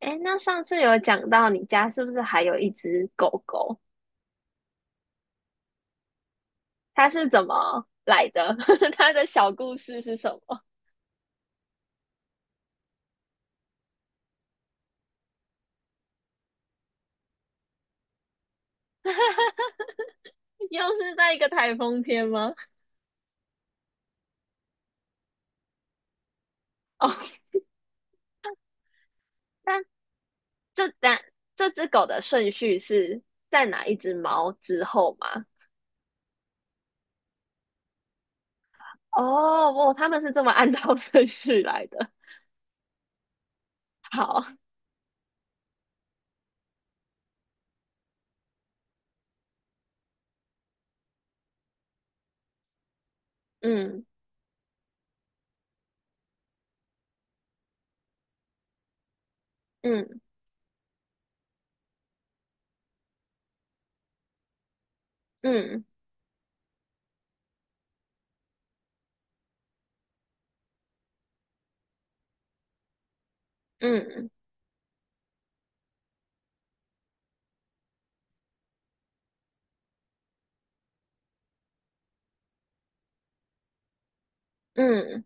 哎，那上次有讲到你家是不是还有一只狗狗？它是怎么来的？它的小故事是什么？又是在一个台风天吗？哦，但这但这只狗的顺序是在哪一只猫之后吗？哦，哦，他们是这么按照顺序来的。好，嗯嗯嗯嗯嗯，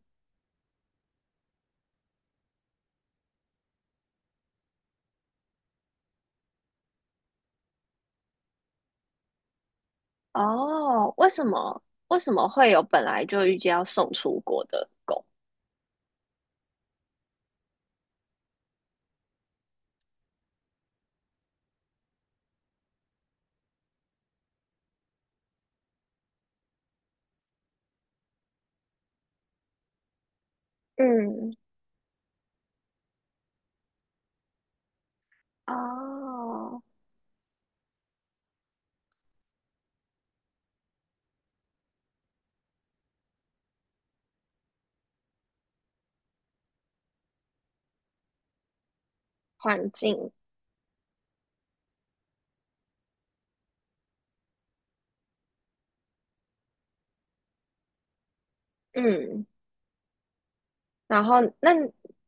哦，为什么会有本来就预计要送出国的狗？嗯哦，环境，嗯，然后那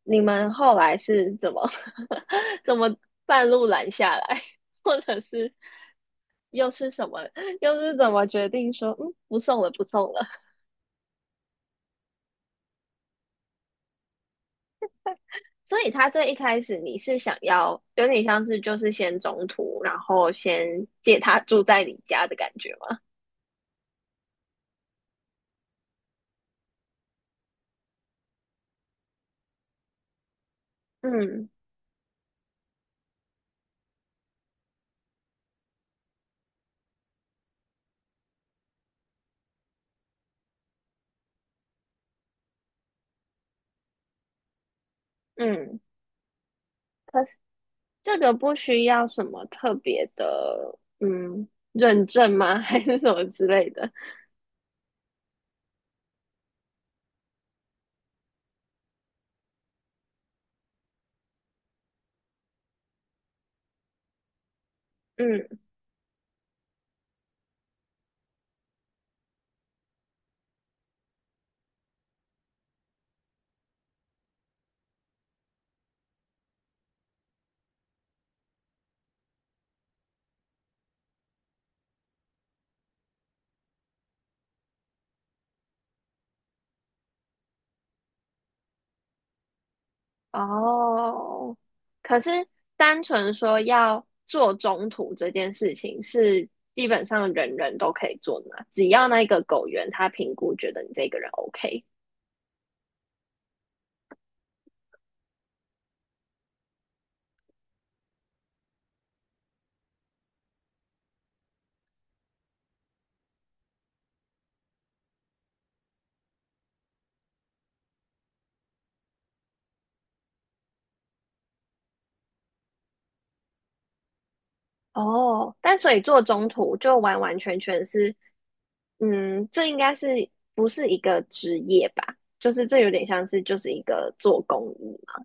你们后来是怎么 怎么半路拦下来，或者是又是什么，又是怎么决定说，嗯，不送了，不送了？所以他最一开始你是想要有点像是就是先中途，然后先借他住在你家的感觉吗？嗯嗯，可是这个不需要什么特别的，认证吗？还是什么之类的？嗯哦，可是单纯说要做中途这件事情，是基本上人人都可以做的嘛？只要那个狗员他评估觉得你这个人 OK。哦，但所以做中途就完完全全是，嗯，这应该是不是一个职业吧？就是这有点像是就是一个做公益嘛。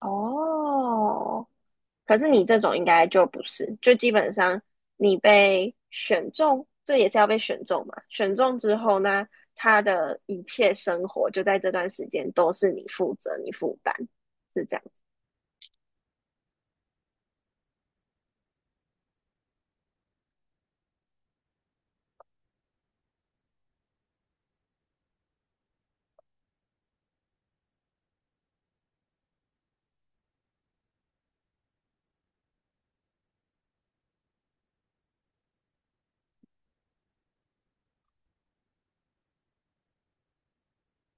哦，可是你这种应该就不是，就基本上你被选中，这也是要被选中嘛。选中之后呢，他的一切生活就在这段时间都是你负责、你负担，是这样子。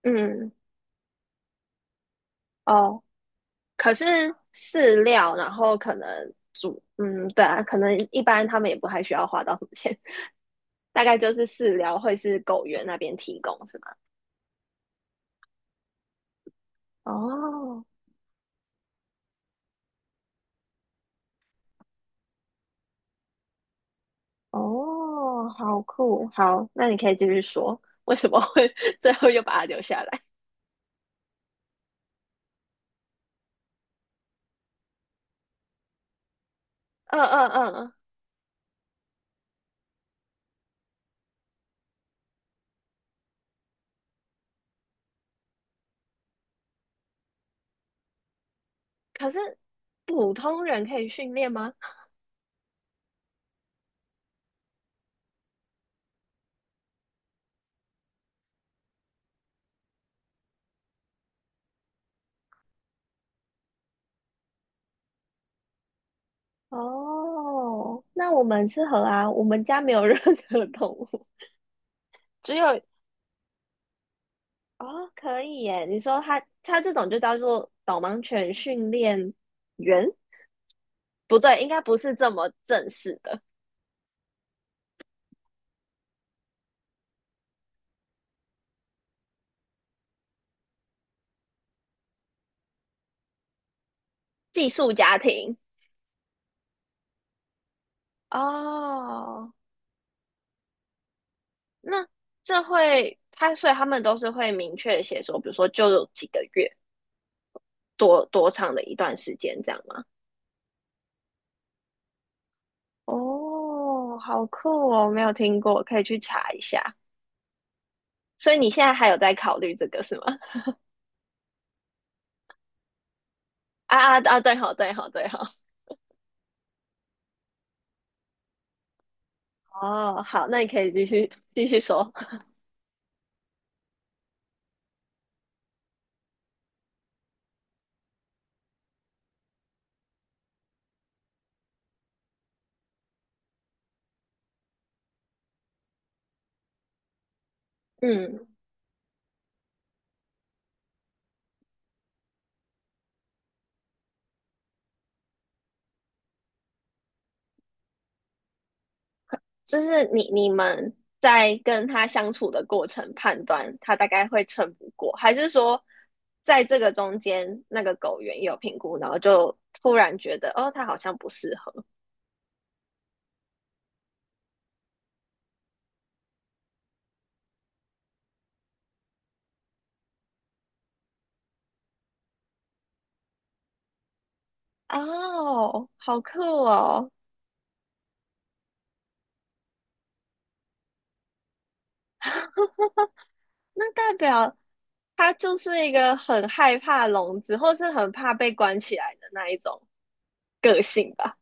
嗯，哦，可是饲料，然后可能煮，嗯，对啊，可能一般他们也不太需要花到什么钱，大概就是饲料会是狗园那边提供，是吗？哦。哦，好酷，好，那你可以继续说，为什么会 最后又把它留下来？嗯嗯嗯，可是普通人可以训练吗？哦，那我们适合啊，我们家没有任何动物，只有哦，可以耶。你说它这种就叫做导盲犬训练员？不对，应该不是这么正式的寄宿家庭。哦，那这会，他所以他们都是会明确写说，比如说就有几个月，多长的一段时间这样吗？哦，好酷哦，没有听过，可以去查一下。所以你现在还有在考虑这个是吗？啊啊啊！对好，对好，对好。哦，好，那你可以继续说。嗯，就是你们在跟他相处的过程判断他大概会撑不过，还是说在这个中间那个狗员有评估，然后就突然觉得哦，他好像不适合哦，好酷哦，那代表他就是一个很害怕笼子，或是很怕被关起来的那一种个性吧？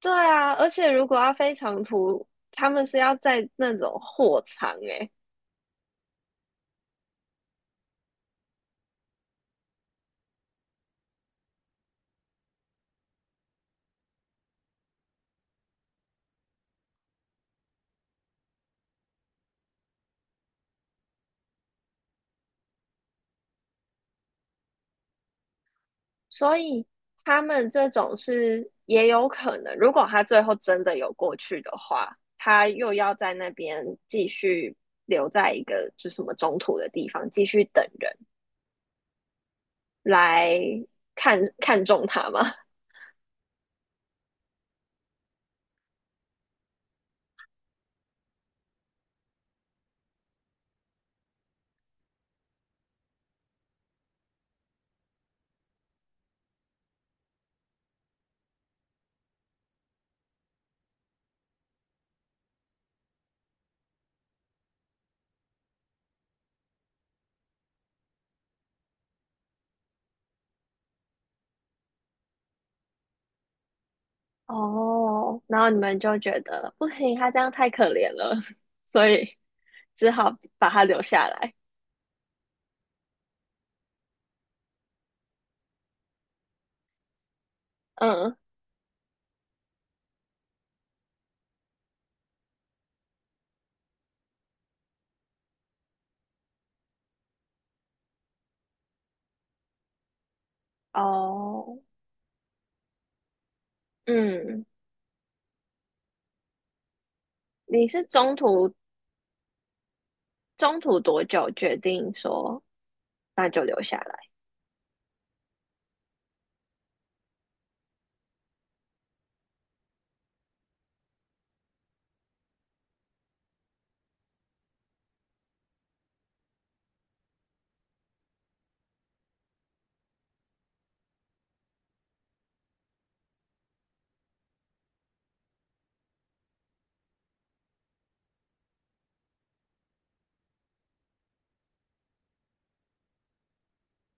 对啊，而且如果要飞长途，他们是要在那种货场诶、所以他们这种是也有可能，如果他最后真的有过去的话，他又要在那边继续留在一个就什么中途的地方，继续等人来看看中他嘛。哦，然后你们就觉得不行，他这样太可怜了，所以只好把他留下来。嗯，哦，嗯，你是中途多久决定说那就留下来？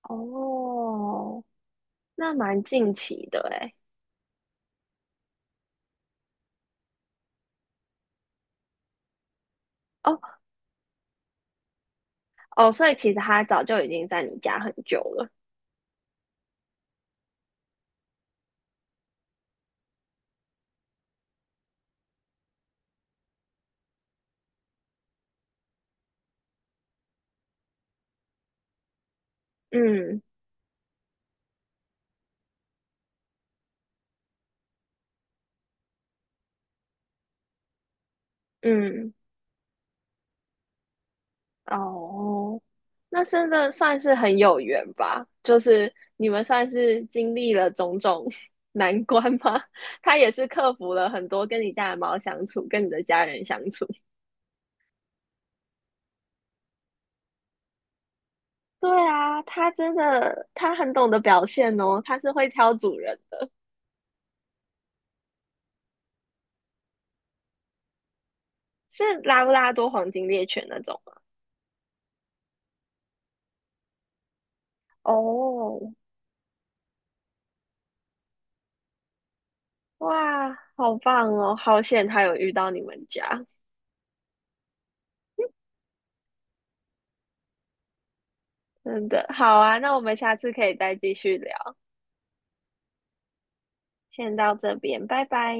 哦，那蛮近期的诶。哦哦，所以其实他早就已经在你家很久了。嗯嗯，哦，那真的算是很有缘吧？就是你们算是经历了种种 难关吗？他也是克服了很多跟你家的猫相处，跟你的家人相处。对啊，它真的，它很懂得表现哦，它是会挑主人的，是拉布拉多黄金猎犬那种吗哦，哇，好棒哦！好险他有遇到你们家，真的好啊。那我们下次可以再继续聊，先到这边，拜拜。